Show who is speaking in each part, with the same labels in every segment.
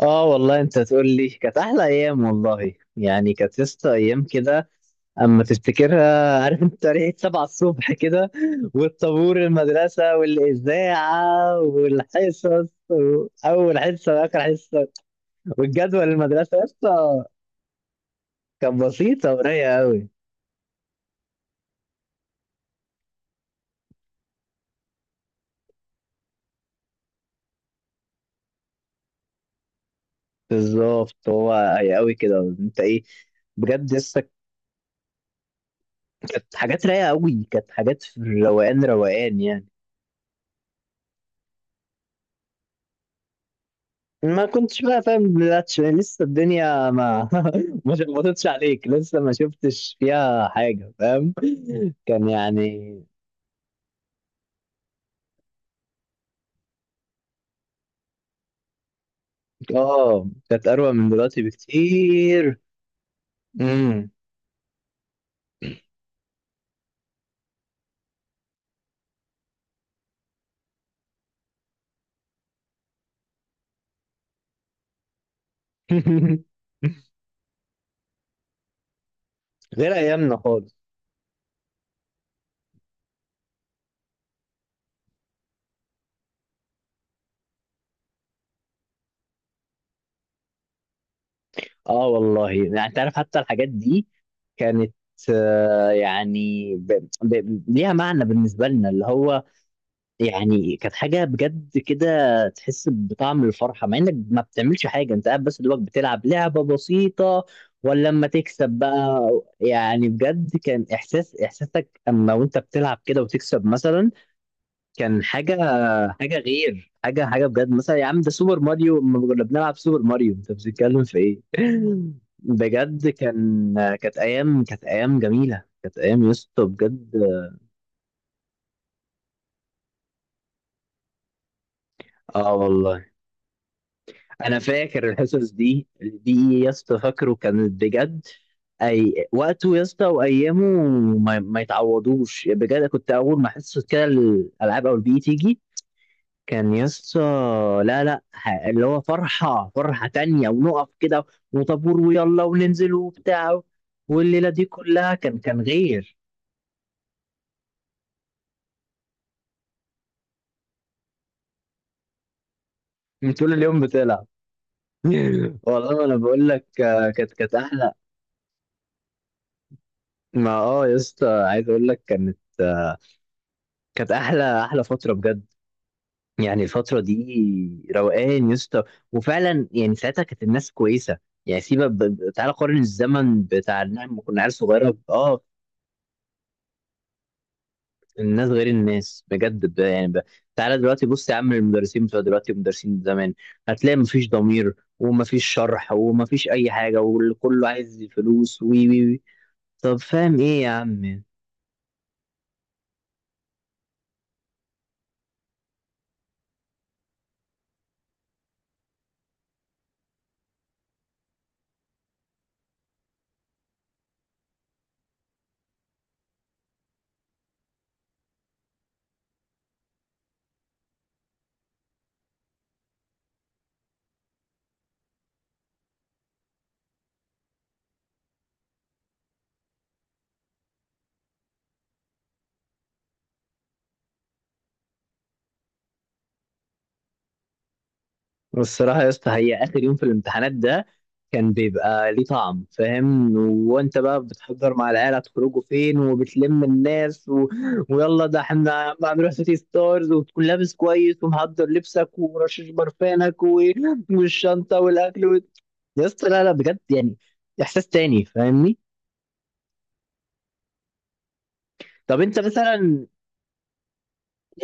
Speaker 1: اه والله انت تقول لي كانت احلى ايام. والله يعني كانت لسه ايام كده اما تفتكرها، عارف؟ انت ريحه 7 الصبح كده، والطابور المدرسه والاذاعه والحصص، اول حصه واخر حصه، والجدول المدرسه لسه. كانت بسيطه ورايقه قوي. بالظبط، هو هي قوي كده. انت ايه؟ بجد لسه كانت حاجات رايقه قوي، كانت حاجات في الروقان، روقان يعني. ما كنتش بقى فاهم باللاتش، لسه الدنيا ما ما شخبطتش عليك، لسه ما شفتش فيها حاجة، فاهم؟ كان يعني. اه كانت أروع من دلوقتي بكتير. امم. غير أيامنا خالص. اه والله يعني انت عارف حتى الحاجات دي كانت ليها معنى بالنسبة لنا، اللي هو يعني كانت حاجة بجد كده. تحس بطعم الفرحة مع انك ما بتعملش حاجة، انت قاعد بس دوبك بتلعب لعبة بسيطة، ولا لما تكسب بقى. يعني بجد كان احساس، احساسك اما وانت بتلعب كده وتكسب مثلا كان حاجة، حاجة غير، حاجة حاجة بجد. مثلا يا عم، ده سوبر ماريو، اما كنا بنلعب سوبر ماريو انت بتتكلم في ايه؟ بجد كان. كانت ايام، كانت ايام جميلة، كانت ايام يا اسطى بجد. اه والله انا فاكر الحصص دي دي يا اسطى، فاكره كانت بجد. اي وقته يا اسطى وايامه ما يتعوضوش بجد. كنت اول ما حصه كده الالعاب او البي تيجي كان يا اسطى، لا لا ه- اللي هو فرحه، فرحه تانية، ونقف كده وطابور ويلا وننزل وبتاع، والليله دي كلها كان كان غير. طول اليوم بتلعب. والله انا بقول لك آه، كانت كانت احلى. ما اه يا اسطى عايز اقول لك كانت كانت احلى، احلى فتره بجد. يعني الفتره دي روقان يا اسطى. وفعلا يعني ساعتها كانت الناس كويسه. يعني سيبك تعالى قارن الزمن بتاع إن إحنا لما كنا عيال صغيره الناس غير الناس بجد تعالى دلوقتي بص يا عم، المدرسين بتوع دلوقتي ومدرسين زمان، هتلاقي مفيش ضمير ومفيش شرح ومفيش اي حاجه، وكله عايز فلوس وي وي وي. طب فاهم ايه يا عم؟ والصراحة يا اسطى هي آخر يوم في الامتحانات ده كان بيبقى ليه طعم، فاهم؟ وانت بقى بتحضر مع العيلة هتخرجوا فين، وبتلم الناس و... ويلا ده احنا هنروح سيتي ستارز، وتكون لابس كويس ومحضر لبسك ورشش برفانك و... والشنطة والأكل و... يا اسطى لا لا، بجد يعني إحساس تاني، فاهمني؟ طب انت مثلا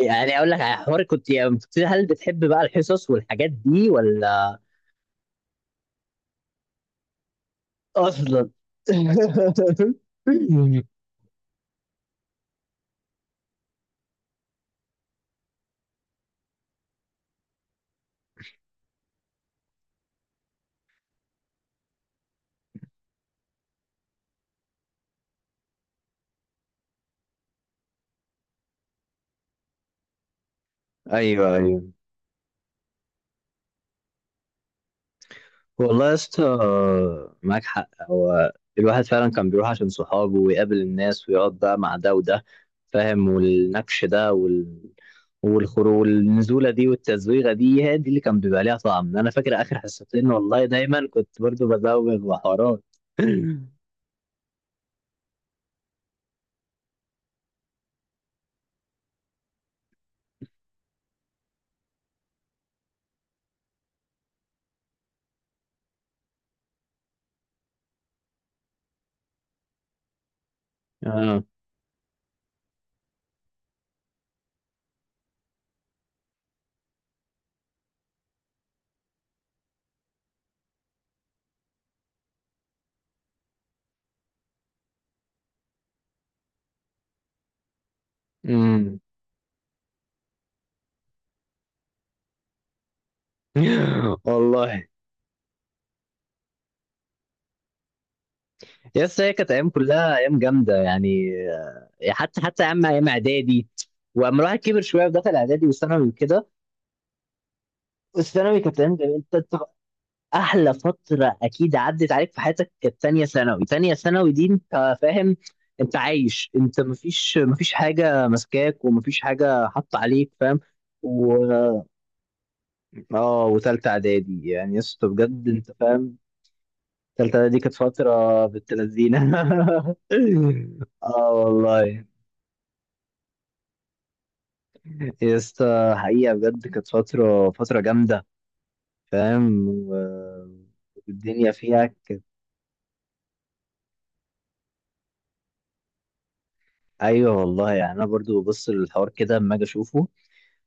Speaker 1: يعني أقول لك على حوار. كنت يعني هل بتحب بقى الحصص والحاجات دي ولا؟ أصلا. ايوه ايوه. والله يا اسطى معاك حق. هو الواحد فعلا كان بيروح عشان صحابه ويقابل الناس ويقعد بقى مع ده وده، فاهم؟ والنكش ده والخروج والنزوله دي والتزويغه دي، هي دي اللي كان بيبقى ليها طعم. انا فاكر اخر حصتين والله دايما كنت برضو بزوغ وحوارات. اه. امم. والله يا اسطى هي كانت ايام، كلها ايام جامده يعني آه، حتى حتى ايام، ايام اعدادي. واما الواحد كبر شويه ودخل اعدادي وثانوي وكده، الثانوي كانت عندي انت، أنت احلى فتره اكيد عدت عليك في حياتك، كانت تانية ثانوي. تانية ثانوي دي انت فاهم، انت عايش، انت مفيش، مفيش حاجه ماسكاك ومفيش حاجه حاطه عليك، فاهم؟ و اه وتالتة اعدادي يعني يا اسطى بجد انت فاهم. تالتة اعدادي كانت فتره بنت لذينه. اه والله يا اسطى حقيقه بجد كانت فتره، فتره جامده، فاهم؟ والدنيا فيها. ايوه والله يعني انا برضو ببص للحوار كده اما اجي اشوفه.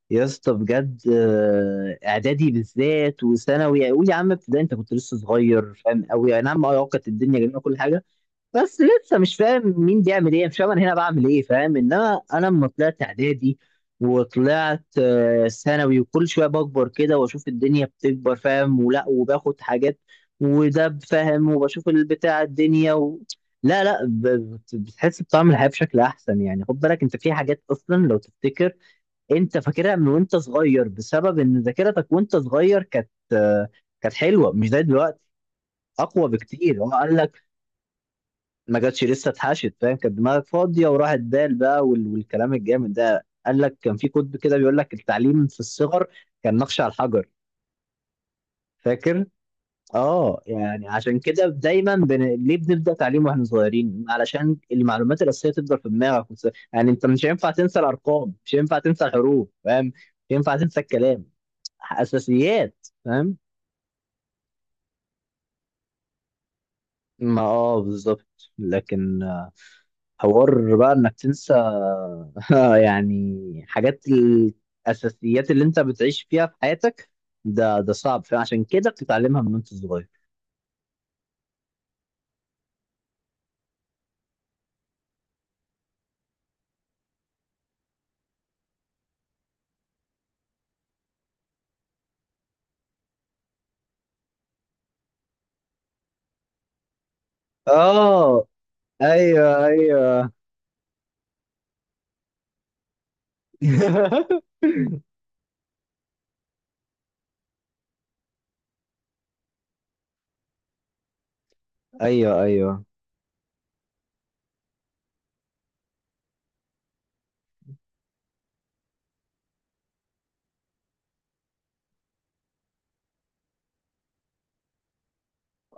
Speaker 1: يا اسطى بجد آه، اعدادي بالذات وثانوي. قول يا عم ابتدائي انت كنت لسه صغير، فاهم؟ قوي اي نعم، اه كانت الدنيا جميله وكل حاجه، بس لسه مش فاهم مين بيعمل ايه، مش فاهم انا هنا بعمل ايه، فاهم؟ انما انا لما طلعت اعدادي وطلعت آه، ثانوي، وكل شويه بكبر كده واشوف الدنيا بتكبر، فاهم؟ ولا وباخد حاجات وده، فاهم؟ وبشوف البتاع الدنيا و... لا لا ب- بت- بتحس بطعم الحياه بشكل احسن يعني. خد بالك انت في حاجات اصلا لو تفتكر، انت فاكرها من وانت صغير، بسبب ان ذاكرتك وانت صغير كانت آه، كانت حلوه مش زي دلوقتي. اقوى بكتير، هو قال لك. ما جاتش لسه اتحشت، فاهم؟ كانت دماغك فاضيه وراحت دال بقى والكلام الجامد ده. قال لك كان في كتب كده بيقول لك التعليم في الصغر كان نقش على الحجر، فاكر؟ اه. يعني عشان كده دايما ليه بنبدا تعليم واحنا صغيرين؟ علشان المعلومات الاساسيه تفضل في دماغك يعني انت مش هينفع تنسى الارقام، مش هينفع تنسى الحروف، فاهم؟ مش هينفع تنسى الكلام، اساسيات، فاهم؟ ما اه بالظبط لكن حوار بقى انك تنسى يعني حاجات، الاساسيات اللي انت بتعيش فيها في حياتك ده ده صعب، فعشان كده بتتعلمها من وانت صغير. اه ايوه ايوه. ايوه ايوه.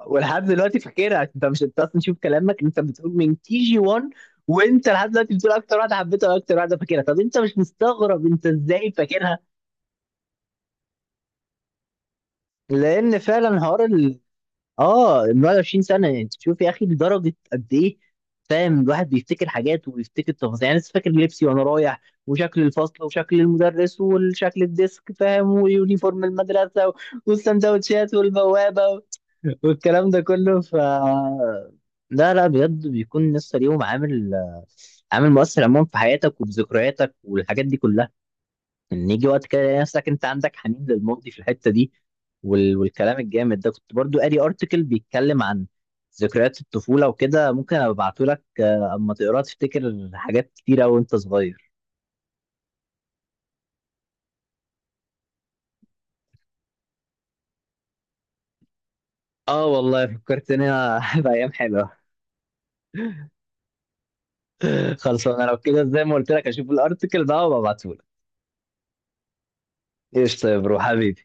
Speaker 1: ولحد دلوقتي فاكرها. انت مش، انت اصلا شوف كلامك، انت بتقول من تي جي 1، وانت لحد دلوقتي بتقول اكتر واحده حبيتها واكتر واحده فاكرها، طب انت مش مستغرب انت ازاي فاكرها؟ لان فعلا حوار. اه 21 سنه يعني تشوف يا اخي لدرجه قد ايه، فاهم؟ الواحد بيفتكر حاجات وبيفتكر تفاصيل، يعني لسه فاكر لبسي وانا رايح، وشكل الفصل وشكل المدرس وشكل الديسك، فاهم؟ ويونيفورم المدرسه والسندوتشات والبوابه والكلام ده كله. ف لا لا بجد بيكون لسه ليهم عامل، عامل مؤثر عموما في حياتك وفي ذكرياتك والحاجات دي كلها، ان يجي وقت كده يلاقي نفسك انت عندك حنين للماضي في الحته دي والكلام الجامد ده. كنت برضو قاري ارتكل بيتكلم عن ذكريات الطفوله وكده، ممكن ابعته لك آه، اما تقراه تفتكر حاجات كتيره وانت صغير. اه والله فكرتني بايام حلوه. خلاص انا لو كده زي ما قلت لك اشوف الارتكل ده وابعته لك. قشطه يا برو حبيبي.